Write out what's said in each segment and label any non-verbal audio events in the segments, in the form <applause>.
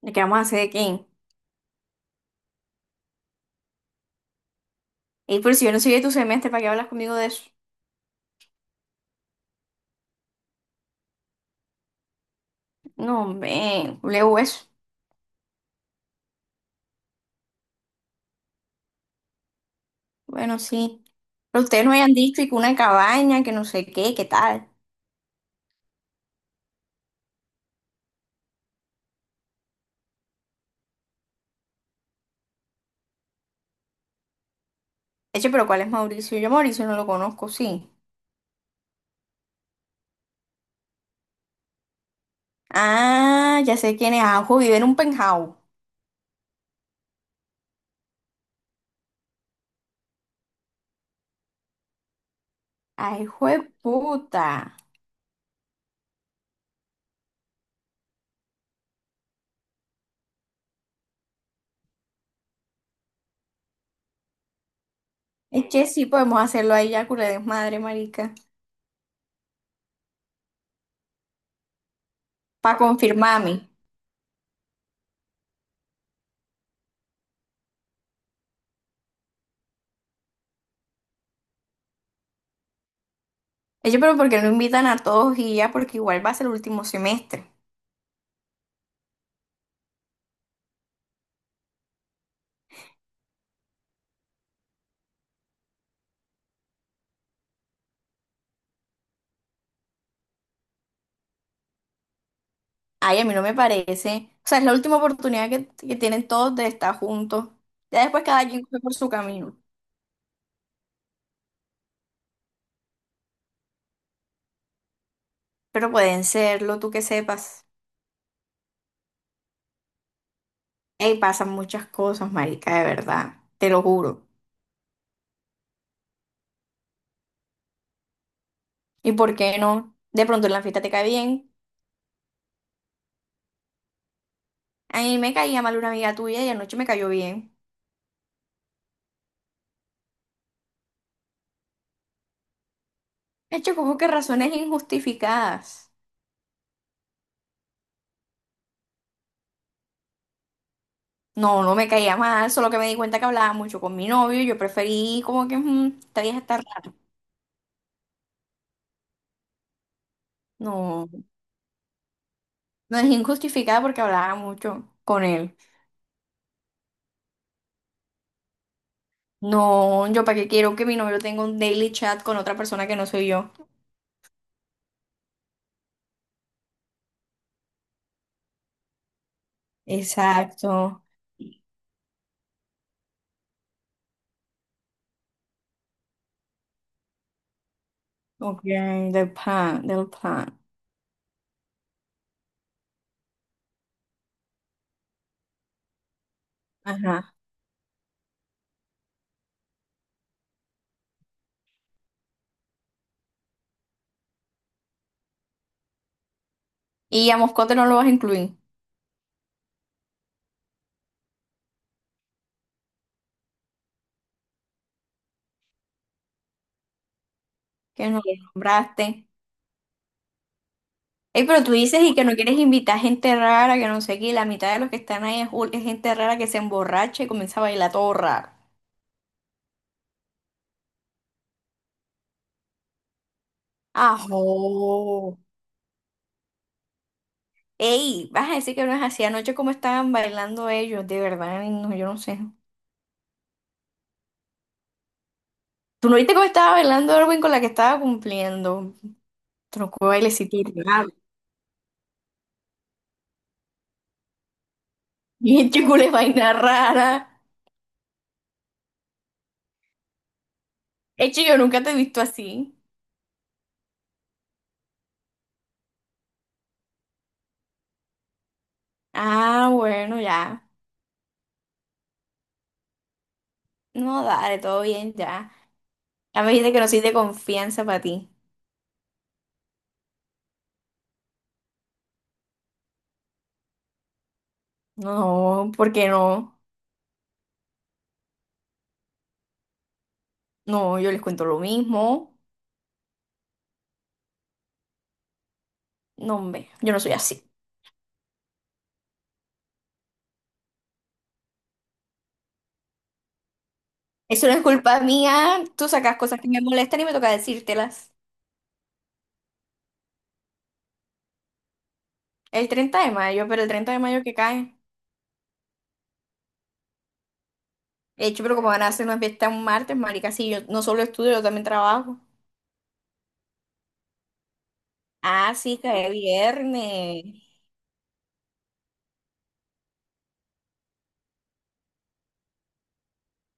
¿De qué vamos a hacer de quién? Y por si yo no soy de tu semestre, ¿para qué hablas conmigo de eso? No, hombre, leo eso. Bueno, sí. Pero ustedes no hayan dicho y que una cabaña, que no sé qué, qué tal. Eche, pero ¿cuál es Mauricio? Yo a Mauricio no lo conozco, sí. Ah, ya sé quién es. Ajo vive en un penthouse. Ay, jueputa. Eche, sí, podemos hacerlo ahí ya, culé desmadre, marica. Para confirmarme. Eche, pero ¿por qué no invitan a todos y ya? Porque igual va a ser el último semestre. Ay, a mí no me parece. O sea, es la última oportunidad que tienen todos de estar juntos. Ya después cada quien fue por su camino. Pero pueden serlo, tú que sepas. Ey, pasan muchas cosas, marica, de verdad. Te lo juro. ¿Y por qué no? De pronto en la fiesta te cae bien. A mí me caía mal una amiga tuya y anoche me cayó bien. Hecho, como que razones injustificadas. No, no me caía mal, solo que me di cuenta que hablaba mucho con mi novio y yo preferí como que, esta vieja está rara. No, no es injustificada porque hablaba mucho con él. No, yo para qué quiero que mi novio tenga un daily chat con otra persona que no soy yo. Exacto. Ok, del plan, del plan. Ajá. ¿Y a Moscote no lo vas a incluir, que no lo nombraste? Ey, pero tú dices y que no quieres invitar gente rara, que no sé qué, y la mitad de los que están ahí es, es gente rara que se emborracha y comienza a bailar todo raro. ¡Ajo! Ey, vas a decir que no es así anoche como estaban bailando ellos, de verdad, ay, no, yo no sé. ¿Tú no viste cómo estaba bailando Erwin con la que estaba cumpliendo? Tronco bailecito raro. Bien <laughs> chicule vaina rara. Hecho, yo nunca te he visto así. Ah, bueno, ya. No, dale, todo bien, ya. Ya me dijiste que no soy de confianza para ti. No, ¿por qué no? No, yo les cuento lo mismo. No, hombre, yo no soy así. Eso no es culpa mía. Tú sacas cosas que me molestan y me toca decírtelas. El 30 de mayo, pero el 30 de mayo, que cae? De hecho, pero como van a hacer una fiesta un martes, marica? Sí, yo no solo estudio, yo también trabajo. Ah, sí, cae viernes.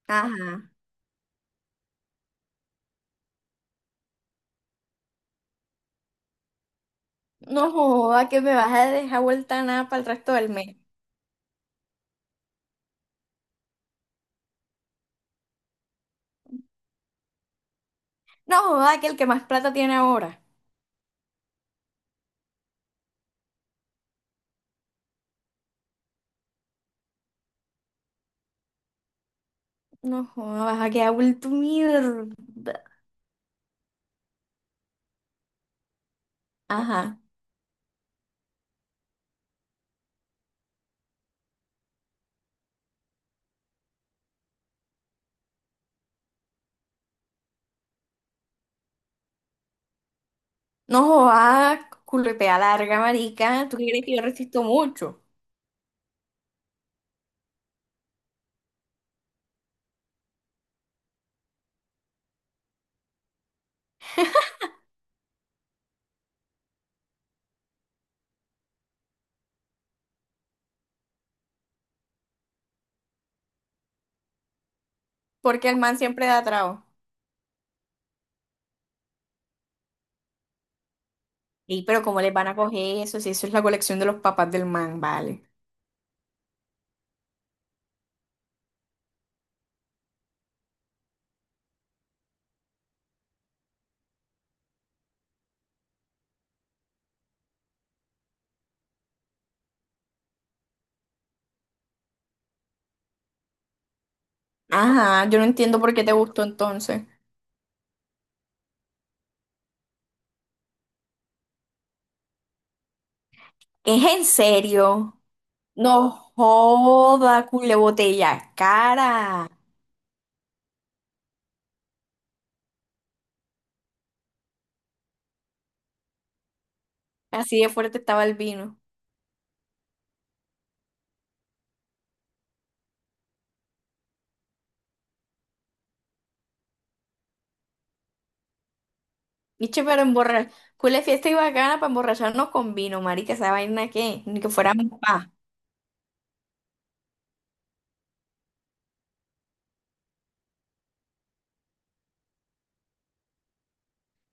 Ajá. No joda que me vas a dejar vuelta nada para el resto del mes. No joda, que el que más plata tiene ahora. No joda, vas a quedar vuelto mierda. Ajá. No joda, culpea larga, marica. ¿Tú crees que yo resisto mucho? Porque el man siempre da trago. Y pero ¿cómo les van a coger eso? Si eso es la colección de los papás del man, vale. Ajá, yo no entiendo por qué te gustó entonces. ¿Es en serio? No joda, cule botella cara. Así de fuerte estaba el vino. Niche, pero emborrachar. Cule fiesta y bacana para emborracharnos con vino, marica. ¿Esa vaina qué? Ni que fuéramos pa.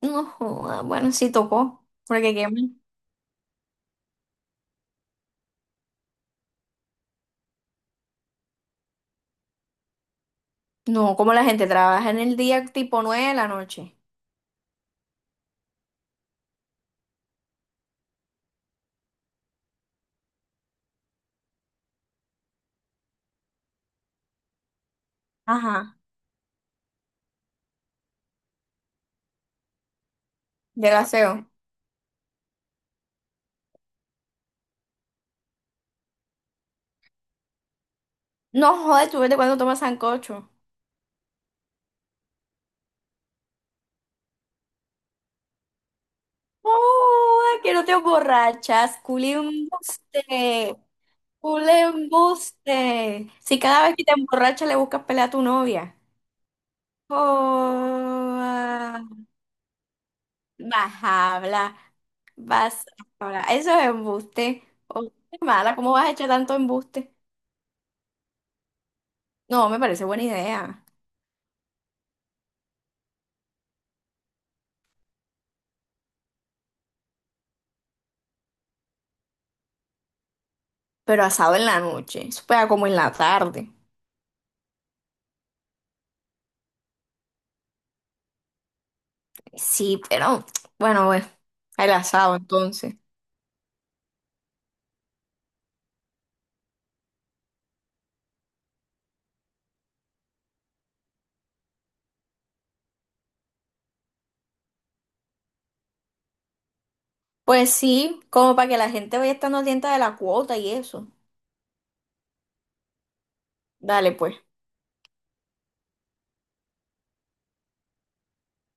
No, joda, bueno, sí tocó. Porque qué más. No, como la gente trabaja en el día, tipo 9 de la noche. Ajá. De gaseo. No, joder, tú vete cuando tomas sancocho. Oh, que no te emborrachas. Cule embuste. Cule embuste. Si cada vez que te emborrachas le buscas pelea a tu novia. Joda. Vas a hablar, vas a hablar. Eso es embuste. Oh, qué mala, ¿cómo vas a echar tanto embuste? No, me parece buena idea. Pero asado en la noche, eso pega como en la tarde. Sí, pero bueno, bueno, el asado entonces. Pues sí, como para que la gente vaya estando atenta de la cuota y eso. Dale, pues.